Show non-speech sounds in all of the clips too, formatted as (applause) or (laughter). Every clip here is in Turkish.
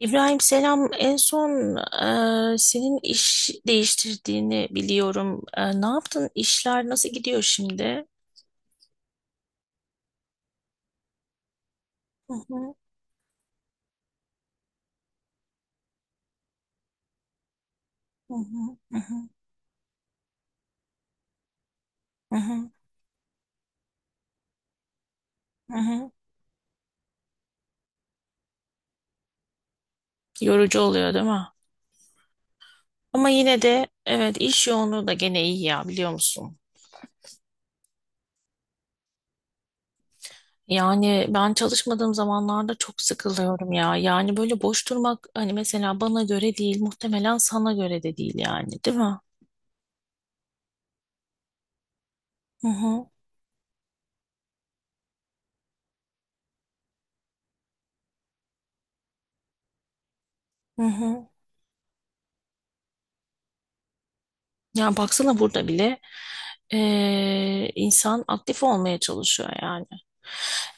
İbrahim selam. En son senin iş değiştirdiğini biliyorum. Ne yaptın? İşler nasıl gidiyor şimdi? Hı hı. Hı hı. Hı hı. Hı hı. Hı. Hı. Yorucu oluyor değil mi? Ama yine de evet iş yoğunluğu da gene iyi ya biliyor musun? Yani ben çalışmadığım zamanlarda çok sıkılıyorum ya. Yani böyle boş durmak hani mesela bana göre değil, muhtemelen sana göre de değil yani, değil mi? Hı hı. Hı hı. Yani baksana burada bile insan aktif olmaya çalışıyor yani.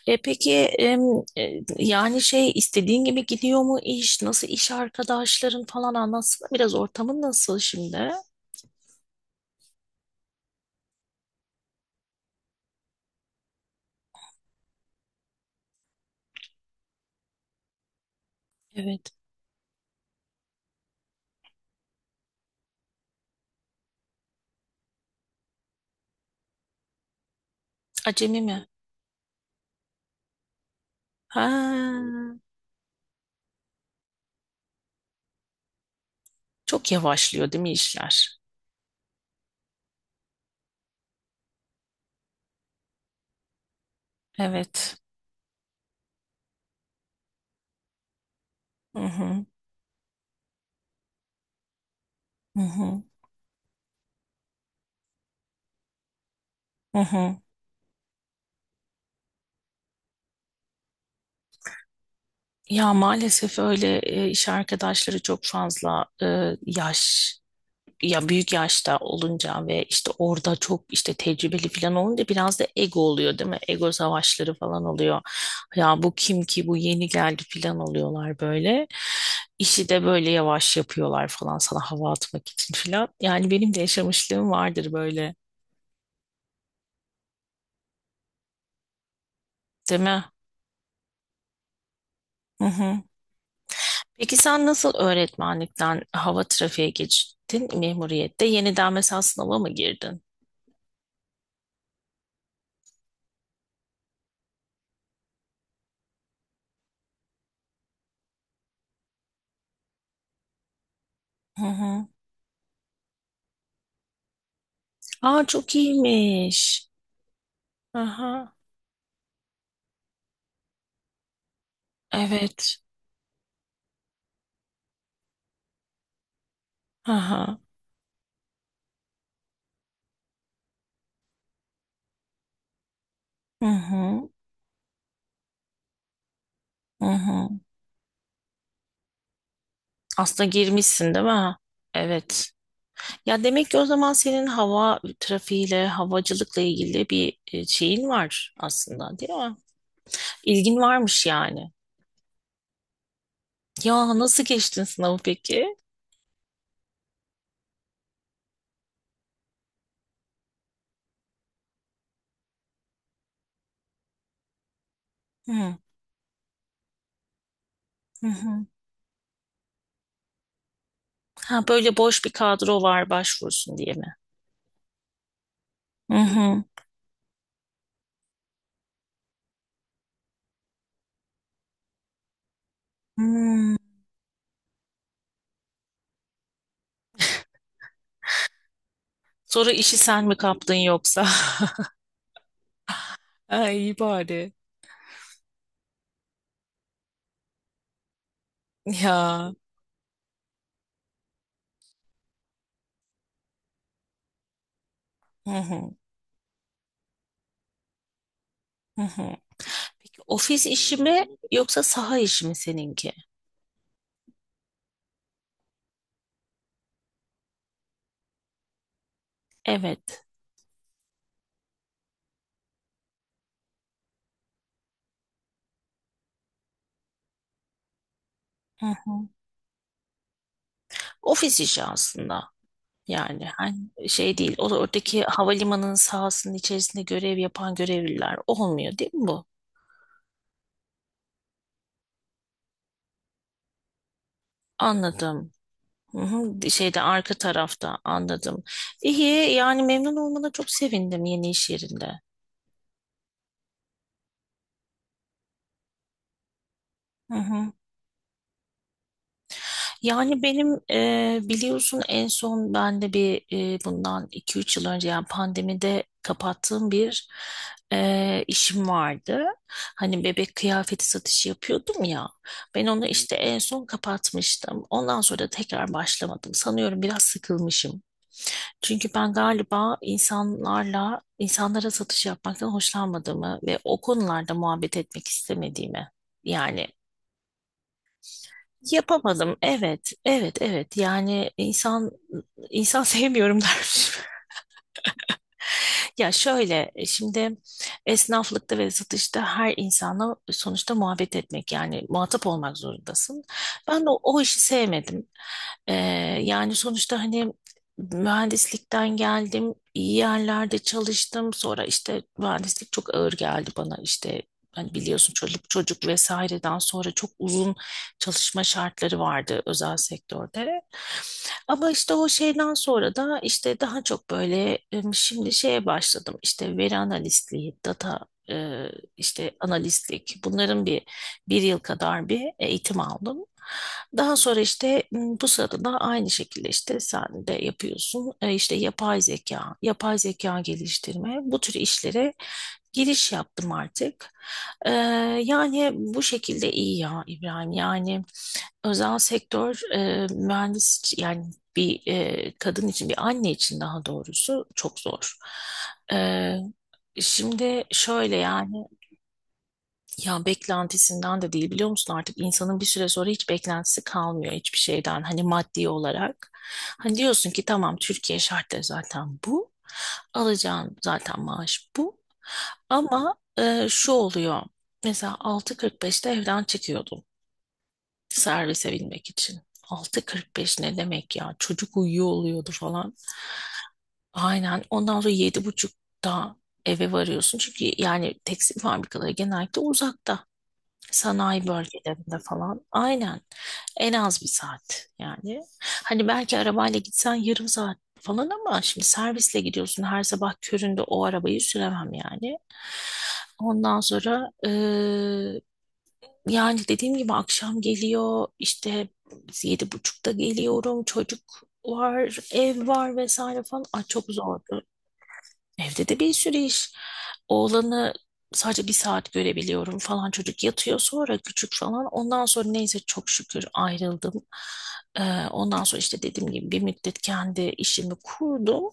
E peki yani şey istediğin gibi gidiyor mu iş? Nasıl iş arkadaşların falan anlatsana biraz ortamın nasıl şimdi? Evet. Acemi mi? Ha, çok yavaşlıyor değil mi işler? Evet. Hı hı. Hı hı. Hı hı. Ya maalesef öyle iş arkadaşları çok fazla yaş. Ya büyük yaşta olunca ve işte orada çok işte tecrübeli falan olunca biraz da ego oluyor değil mi? Ego savaşları falan oluyor. Ya bu kim ki bu yeni geldi falan oluyorlar böyle. İşi de böyle yavaş yapıyorlar falan sana hava atmak için falan. Yani benim de yaşamışlığım vardır böyle, değil mi? Hı hı. Peki sen nasıl öğretmenlikten hava trafiğe geçtin memuriyette? Yeniden mesela sınava mı girdin? Hı hı. Aa, çok iyiymiş. Aha. Evet. Aha. Hı hı. Hı hı. Aslında girmişsin, değil mi? Evet. Ya demek ki o zaman senin hava trafiğiyle, havacılıkla ilgili bir şeyin var aslında, değil mi? İlgin varmış yani. Ya nasıl geçtin sınavı peki? Hı. Hı. Hı. Ha, böyle boş bir kadro var başvursun diye mi? Hı hı. Hmm. Sonra işi sen mi kaptın yoksa? (laughs) Ay, iyi bari. Ya. Hı hı. Hı hı. Peki ofis işi mi yoksa saha işi mi seninki? Evet. Hı hı. Ofis işi aslında. Yani hani şey değil. O oradaki havalimanının sahasının içerisinde görev yapan görevliler olmuyor değil mi bu? Anladım. Hı hı, şeyde arka tarafta anladım. İyi yani, memnun olmana çok sevindim yeni iş yerinde. Hı hı. Yani benim biliyorsun en son ben de bir bundan iki üç yıl önce yani pandemide kapattığım bir işim vardı. Hani bebek kıyafeti satışı yapıyordum ya. Ben onu işte en son kapatmıştım. Ondan sonra da tekrar başlamadım. Sanıyorum biraz sıkılmışım. Çünkü ben galiba insanlarla, insanlara satış yapmaktan hoşlanmadığımı ve o konularda muhabbet etmek istemediğimi yani yapamadım. Evet, evet, evet. Yani insan sevmiyorum (laughs) dermişim. Ya şöyle şimdi esnaflıkta ve satışta her insanla sonuçta muhabbet etmek yani muhatap olmak zorundasın. Ben de o işi sevmedim. Ee, Yani sonuçta hani mühendislikten geldim, iyi yerlerde çalıştım. Sonra işte mühendislik çok ağır geldi bana işte. Hani biliyorsun, çocuk vesaireden sonra çok uzun çalışma şartları vardı özel sektörde. Ama işte o şeyden sonra da işte daha çok böyle şimdi şeye başladım işte, veri analistliği, data e, işte analistlik, bunların bir yıl kadar bir eğitim aldım. Daha sonra işte bu sırada da aynı şekilde işte sen de yapıyorsun, işte yapay zeka, yapay zeka geliştirme, bu tür işlere giriş yaptım artık. E, Yani bu şekilde iyi ya İbrahim yani. Özel sektör mühendis yani bir kadın için, bir anne için daha doğrusu çok zor. E, Şimdi şöyle yani, ya beklentisinden de değil biliyor musun, artık insanın bir süre sonra hiç beklentisi kalmıyor hiçbir şeyden, hani maddi olarak. Hani diyorsun ki tamam, Türkiye şartları zaten bu. Alacağın zaten maaş bu. Ama şu oluyor. Mesela 6.45'te evden çıkıyordum, servise binmek için. 6.45 ne demek ya? Çocuk uyuyor oluyordu falan. Aynen. Ondan sonra yedi buçukta eve varıyorsun. Çünkü yani tekstil fabrikaları genellikle uzakta. Sanayi bölgelerinde falan. Aynen. En az bir saat yani. Hani belki arabayla gitsen yarım saat falan, ama şimdi servisle gidiyorsun. Her sabah köründe o arabayı süremem yani. Ondan sonra yani dediğim gibi akşam geliyor işte, yedi buçukta geliyorum, çocuk var, ev var, vesaire falan. Ay, çok zordu. Evde de bir sürü iş. Oğlanı sadece bir saat görebiliyorum falan. Çocuk yatıyor sonra, küçük falan. Ondan sonra neyse çok şükür ayrıldım. Ondan sonra işte dediğim gibi bir müddet kendi işimi kurdum.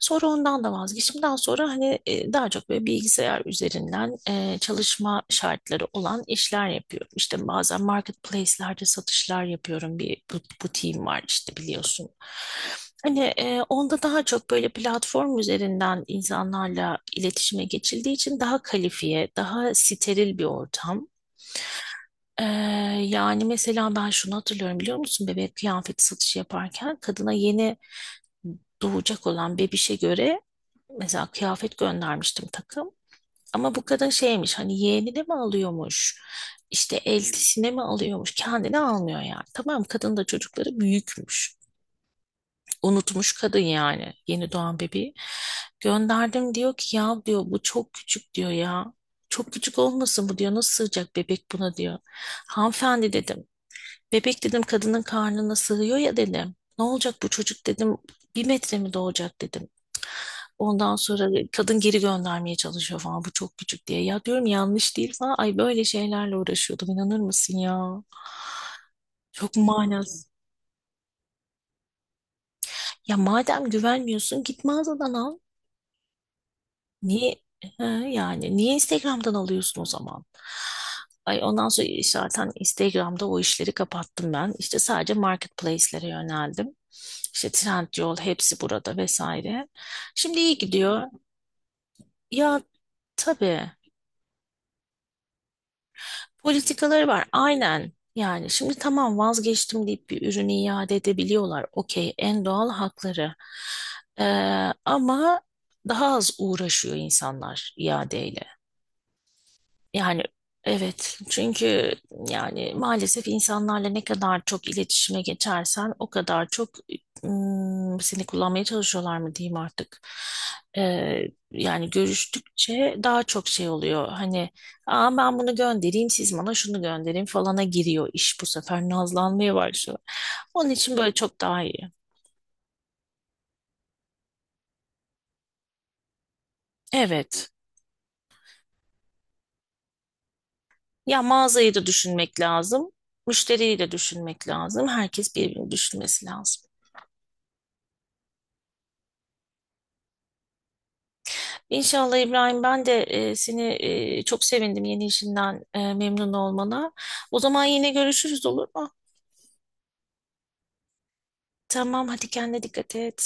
Sonra ondan da vazgeçtim. Daha sonra hani daha çok böyle bilgisayar üzerinden çalışma şartları olan işler yapıyorum. İşte bazen marketplace'lerde satışlar yapıyorum. Bir butiğim var işte biliyorsun. Hani onda daha çok böyle platform üzerinden insanlarla iletişime geçildiği için daha kalifiye, daha steril bir ortam. E, Yani mesela ben şunu hatırlıyorum biliyor musun? Bebek kıyafeti satışı yaparken kadına, yeni doğacak olan bebişe göre mesela kıyafet göndermiştim, takım. Ama bu kadın şeymiş hani, yeğenine mi alıyormuş, işte eltisine mi alıyormuş? Kendine almıyor yani. Tamam, kadın da çocukları büyükmüş. Unutmuş kadın yani yeni doğan bebeği. Gönderdim, diyor ki ya, diyor bu çok küçük diyor ya. Çok küçük olmasın bu diyor, nasıl sığacak bebek buna diyor. Hanımefendi dedim. Bebek dedim, kadının karnına sığıyor ya dedim. Ne olacak bu çocuk dedim. Bir metre mi doğacak dedim. Ondan sonra kadın geri göndermeye çalışıyor falan, bu çok küçük diye. Ya diyorum yanlış değil falan. Ay böyle şeylerle uğraşıyordum, inanır mısın ya? Çok manasız. Ya madem güvenmiyorsun git mağazadan al. Niye Ha, yani niye Instagram'dan alıyorsun o zaman? Ay ondan sonra zaten Instagram'da o işleri kapattım ben. İşte sadece marketplace'lere yöneldim. İşte Trendyol, hepsi burada vesaire. Şimdi iyi gidiyor. Ya tabii, politikaları var aynen. Yani şimdi tamam vazgeçtim deyip bir ürünü iade edebiliyorlar. Okey, en doğal hakları. Ee, Ama daha az uğraşıyor insanlar iadeyle. Yani evet, çünkü yani maalesef insanlarla ne kadar çok iletişime geçersen o kadar çok seni kullanmaya çalışıyorlar mı diyeyim artık. Ee, Yani görüştükçe daha çok şey oluyor. Hani aa, ben bunu göndereyim siz bana şunu gönderin falana giriyor iş, bu sefer nazlanmaya başlıyor. Onun için böyle çok daha iyi. Evet. Ya mağazayı da düşünmek lazım. Müşteriyi de düşünmek lazım. Herkes birbirini düşünmesi lazım. İnşallah İbrahim, ben de seni çok sevindim yeni işinden memnun olmana. O zaman yine görüşürüz olur mu? Tamam hadi, kendine dikkat et.